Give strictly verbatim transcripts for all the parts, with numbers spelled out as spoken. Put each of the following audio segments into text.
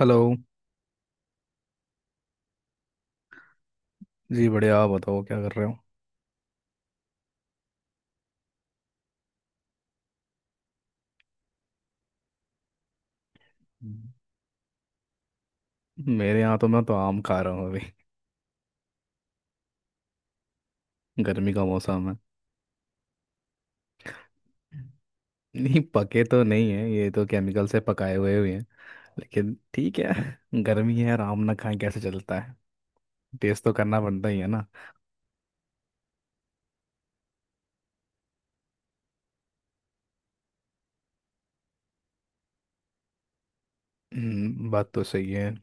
Hello. जी बढ़िया, आप बताओ क्या कर रहे हो? हम्म। मेरे यहाँ तो मैं तो आम खा रहा हूँ अभी। गर्मी का मौसम है। नहीं, पके तो नहीं है, ये तो केमिकल से पकाए हुए हुए हैं। लेकिन ठीक है, गर्मी है और आम ना खाएं कैसे चलता है? टेस्ट तो करना पड़ता ही है ना। हम्म, बात तो सही है।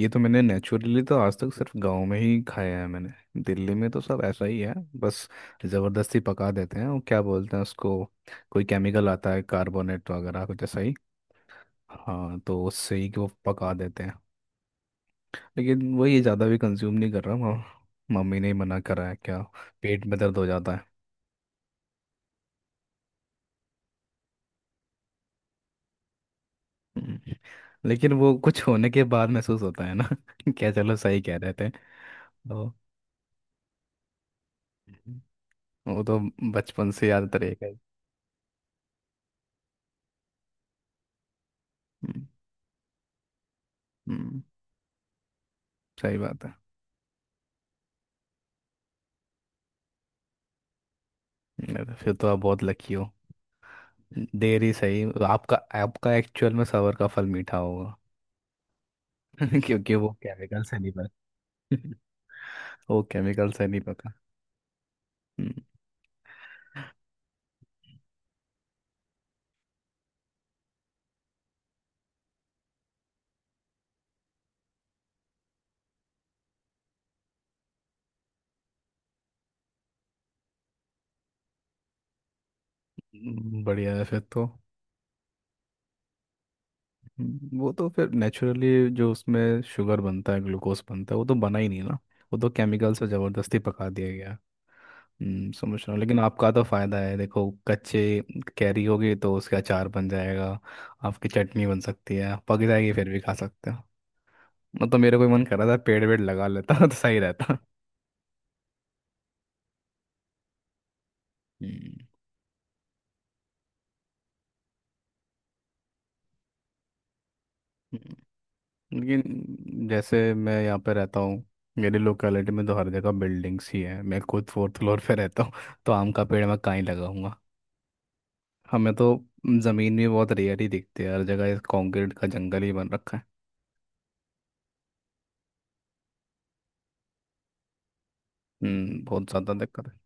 ये तो मैंने नेचुरली तो आज तक सिर्फ गांव में ही खाया है। मैंने, दिल्ली में तो सब ऐसा ही है बस। ज़बरदस्ती पका देते हैं, और क्या बोलते हैं उसको, कोई केमिकल आता है कार्बोनेट वगैरह कुछ ऐसा ही। हाँ, तो उससे ही कि वो पका देते हैं। लेकिन वही है, ज़्यादा भी कंज्यूम नहीं कर रहा। मम- मम्मी ने ही मना करा है क्या, पेट में दर्द हो जाता है। हम्म, लेकिन वो कुछ होने के बाद महसूस होता है ना। क्या, चलो सही कह रहे थे। तो वो तो बचपन से याद रहेगा ही। हम्म, हम्म, सही बात है। अरे, फिर तो आप बहुत लकी हो, देर ही सही। आपका, आपका एक्चुअल में सबर का फल मीठा होगा, क्योंकि वो केमिकल से नहीं पका। वो केमिकल से नहीं पका। हम्म, हम्म, बढ़िया है फिर तो। हम्म, वो तो फिर नेचुरली जो उसमें शुगर बनता है, ग्लूकोज बनता है, वो तो बना ही नहीं ना। वो तो केमिकल से ज़बरदस्ती पका दिया गया। हम्म समझ रहा हूँ। लेकिन आपका तो फ़ायदा है, देखो, कच्चे कैरी होगी तो उसका अचार बन जाएगा। आपकी चटनी बन सकती है, पक जाएगी फिर भी खा सकते हो। मतलब तो मेरा कोई मन कर रहा था पेड़ वेड़ लगा लेता तो सही रहता। हम्म। हम्म। लेकिन जैसे मैं यहाँ पे रहता हूँ, मेरी लोकेलिटी में तो हर जगह बिल्डिंग्स ही है। मैं खुद फोर्थ फ्लोर पे रहता हूँ, तो आम का पेड़ मैं कहाँ ही लगाऊंगा? हमें तो ज़मीन भी बहुत रेयर ही दिखती है, हर जगह कंक्रीट का जंगल ही बन रखा है। हम्म बहुत ज़्यादा दिक्कत है।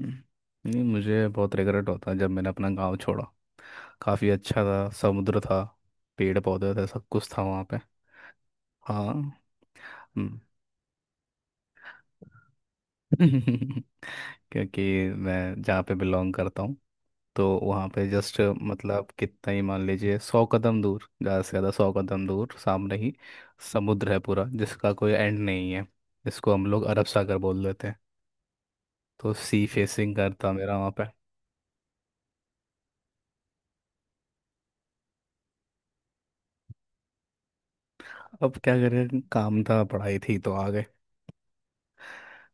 हम्म, नहीं, मुझे बहुत रिग्रेट होता है जब मैंने अपना गांव छोड़ा। काफ़ी अच्छा था, समुद्र था, पेड़ पौधे थे, सब कुछ था वहाँ पे। हाँ। हम्म। क्योंकि मैं जहाँ पे बिलोंग करता हूँ, तो वहाँ पे जस्ट मतलब कितना ही मान लीजिए सौ कदम दूर, ज़्यादा से ज़्यादा सौ कदम दूर सामने ही समुद्र है पूरा, जिसका कोई एंड नहीं है। इसको हम लोग अरब सागर बोल देते हैं। तो सी फेसिंग करता मेरा वहाँ पे। अब क्या करें, काम था पढ़ाई थी तो आ गए।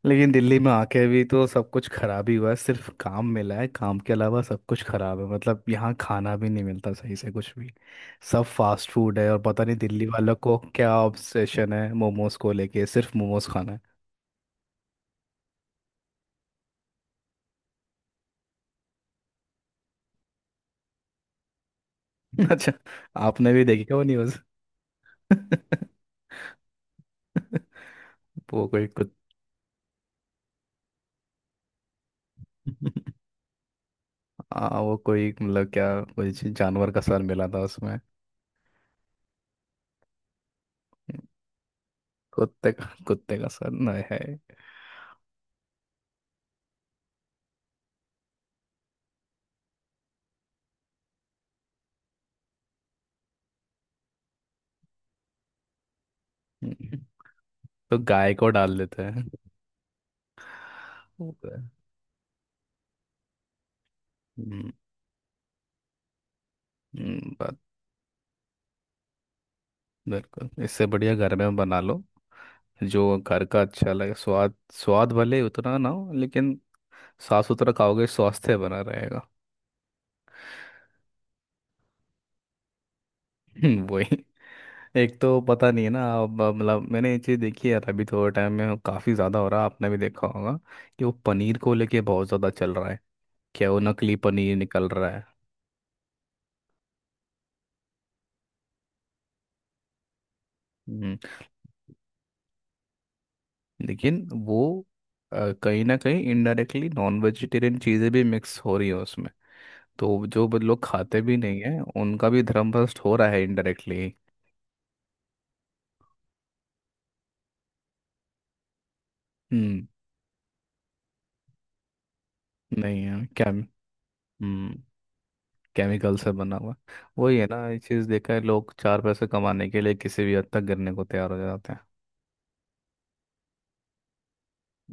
लेकिन दिल्ली में आके भी तो सब कुछ खराब ही हुआ है, सिर्फ काम मिला है। काम के अलावा सब कुछ खराब है, मतलब यहाँ खाना भी नहीं मिलता सही से कुछ भी। सब फास्ट फूड है, और पता नहीं दिल्ली वालों को क्या ऑब्सेशन है मोमोज को लेके, सिर्फ मोमोज खाना। है। अच्छा, आपने भी देखी क्या वो न्यूज़? वो कोई कुछ। हाँ, वो कोई, मतलब क्या, कोई जानवर का सर मिला था उसमें? कुत्ते का, कुत्ते का सर? नहीं है। हम्म, तो गाय को डाल देते हैं, वो तो है। हम्म, हम्म, बात। बिल्कुल, इससे बढ़िया घर में बना लो, जो घर का अच्छा लगे, स्वाद स्वाद भले उतना ना हो लेकिन साफ सुथरा खाओगे, स्वास्थ्य बना रहेगा। हम्म, वही। एक तो पता नहीं है ना, अब अब मतलब मैंने ये चीज़ देखी है, अभी थोड़े टाइम में काफ़ी ज़्यादा हो रहा है, आपने भी देखा होगा, कि वो पनीर को लेके बहुत ज़्यादा चल रहा है, क्या वो नकली पनीर निकल रहा है। हम्म, लेकिन वो, अ, कहीं ना कहीं इनडायरेक्टली नॉन वेजिटेरियन चीज़ें भी मिक्स हो रही है उसमें। तो जो ब- लोग खाते भी नहीं है, उनका भी धर्म भ्रष्ट हो रहा है इनडायरेक्टली। हम्म। नहीं है क्या? हम्म। केमिकल से बना हुआ। वही है ना, ये चीज़ देखा है, लोग चार पैसे कमाने के लिए किसी भी हद तक गिरने को तैयार हो जाते हैं।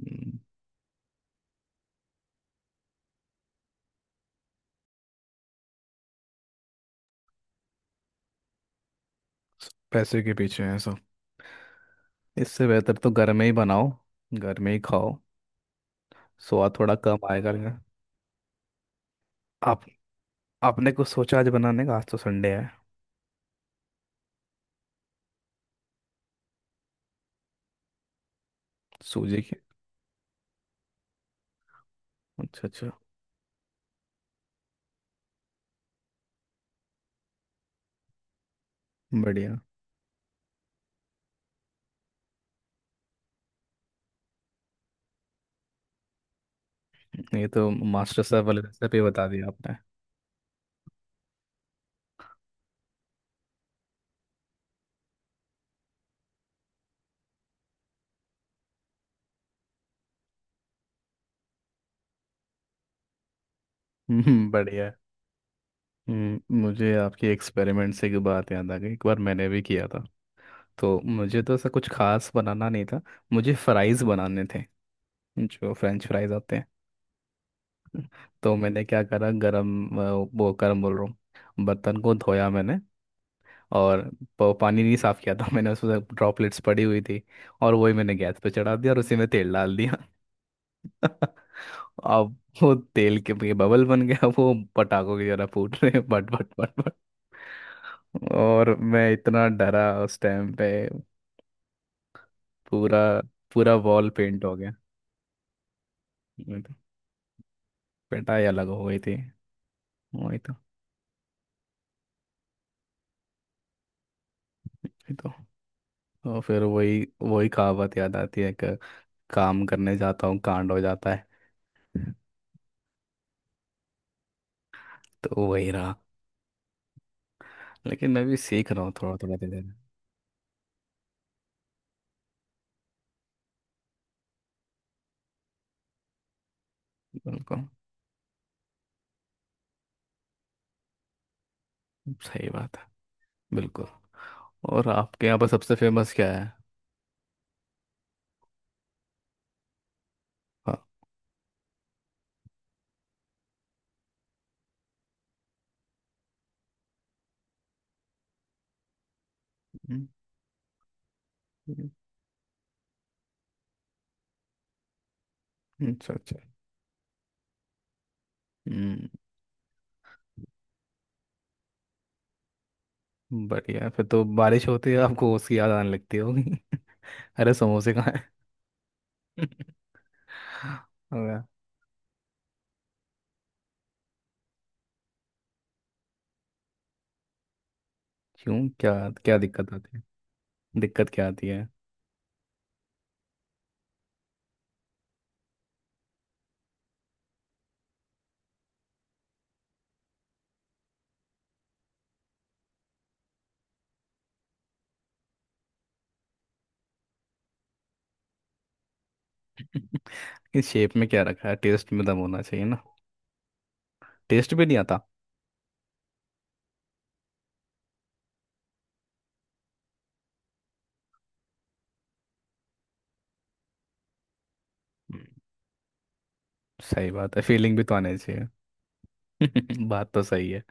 हम्म, पैसे के पीछे हैं सब। इससे बेहतर तो घर में ही बनाओ, घर में ही खाओ, स्वाद थोड़ा कम आएगा लेकिन। आप आपने कुछ सोचा आज बनाने का? आज तो संडे है। सूजी की? अच्छा, अच्छा। बढ़िया। ये तो मास्टर साहब वाली रेसिपी बता दी आपने। हम्म, बढ़िया है। हम्म, मुझे आपकी एक्सपेरिमेंट से एक बात याद आ गई, एक बार मैंने भी किया था। तो मुझे तो ऐसा कुछ खास बनाना नहीं था, मुझे फ्राइज़ बनाने थे, जो फ्रेंच फ्राइज आते हैं। तो मैंने क्या करा, गरम, अ, वो गरम बोल रहा हूँ, बर्तन को धोया मैंने, और प- पानी नहीं साफ किया था। मैंने उसमें ड्रॉपलेट्स पड़ी हुई थी, और वही मैंने गैस पे चढ़ा दिया, और उसी में तेल डाल दिया। अब वो तेल के ये बबल बन गया, वो पटाखों की तरह फूट रहे हैं, बट बट बट बट और मैं इतना डरा उस टाइम पे। पूरा, पूरा वॉल पेंट हो गया। मैं तो, पिटाई अलग हो गई थी। वही तो। वही तो। और फिर वही वही कहावत याद आती है कि काम करने जाता हूँ कांड हो जाता है। तो वही रहा। लेकिन मैं भी सीख रहा हूँ थोड़ा थोड़ा, धीरे धीरे। बिल्कुल। सही बात है। बिल्कुल। और आपके यहाँ पर सबसे फेमस क्या है? हाँ। हम्म, हम्म, अच्छा अच्छा। हम्म। बढ़िया है, फिर तो बारिश होती है आपको उसकी याद आने लगती होगी। अरे, समोसे कहाँ है? होगा। क्यों, क्या? क्या दिक्कत आती है? दिक्कत क्या आती है? इस शेप में क्या रखा है, टेस्ट में दम होना चाहिए ना। टेस्ट भी नहीं आता? हम्म, सही बात है, फीलिंग भी तो आनी चाहिए। बात तो सही है,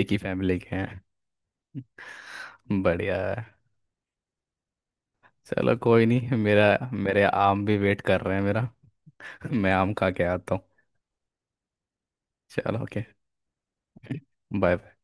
एक ही फैमिली के हैं। बढ़िया है। चलो, कोई नहीं, मेरा मेरे आम भी वेट कर रहे हैं मेरा। मैं आम खा के आता हूँ। चलो, ओके। बाय। बाय।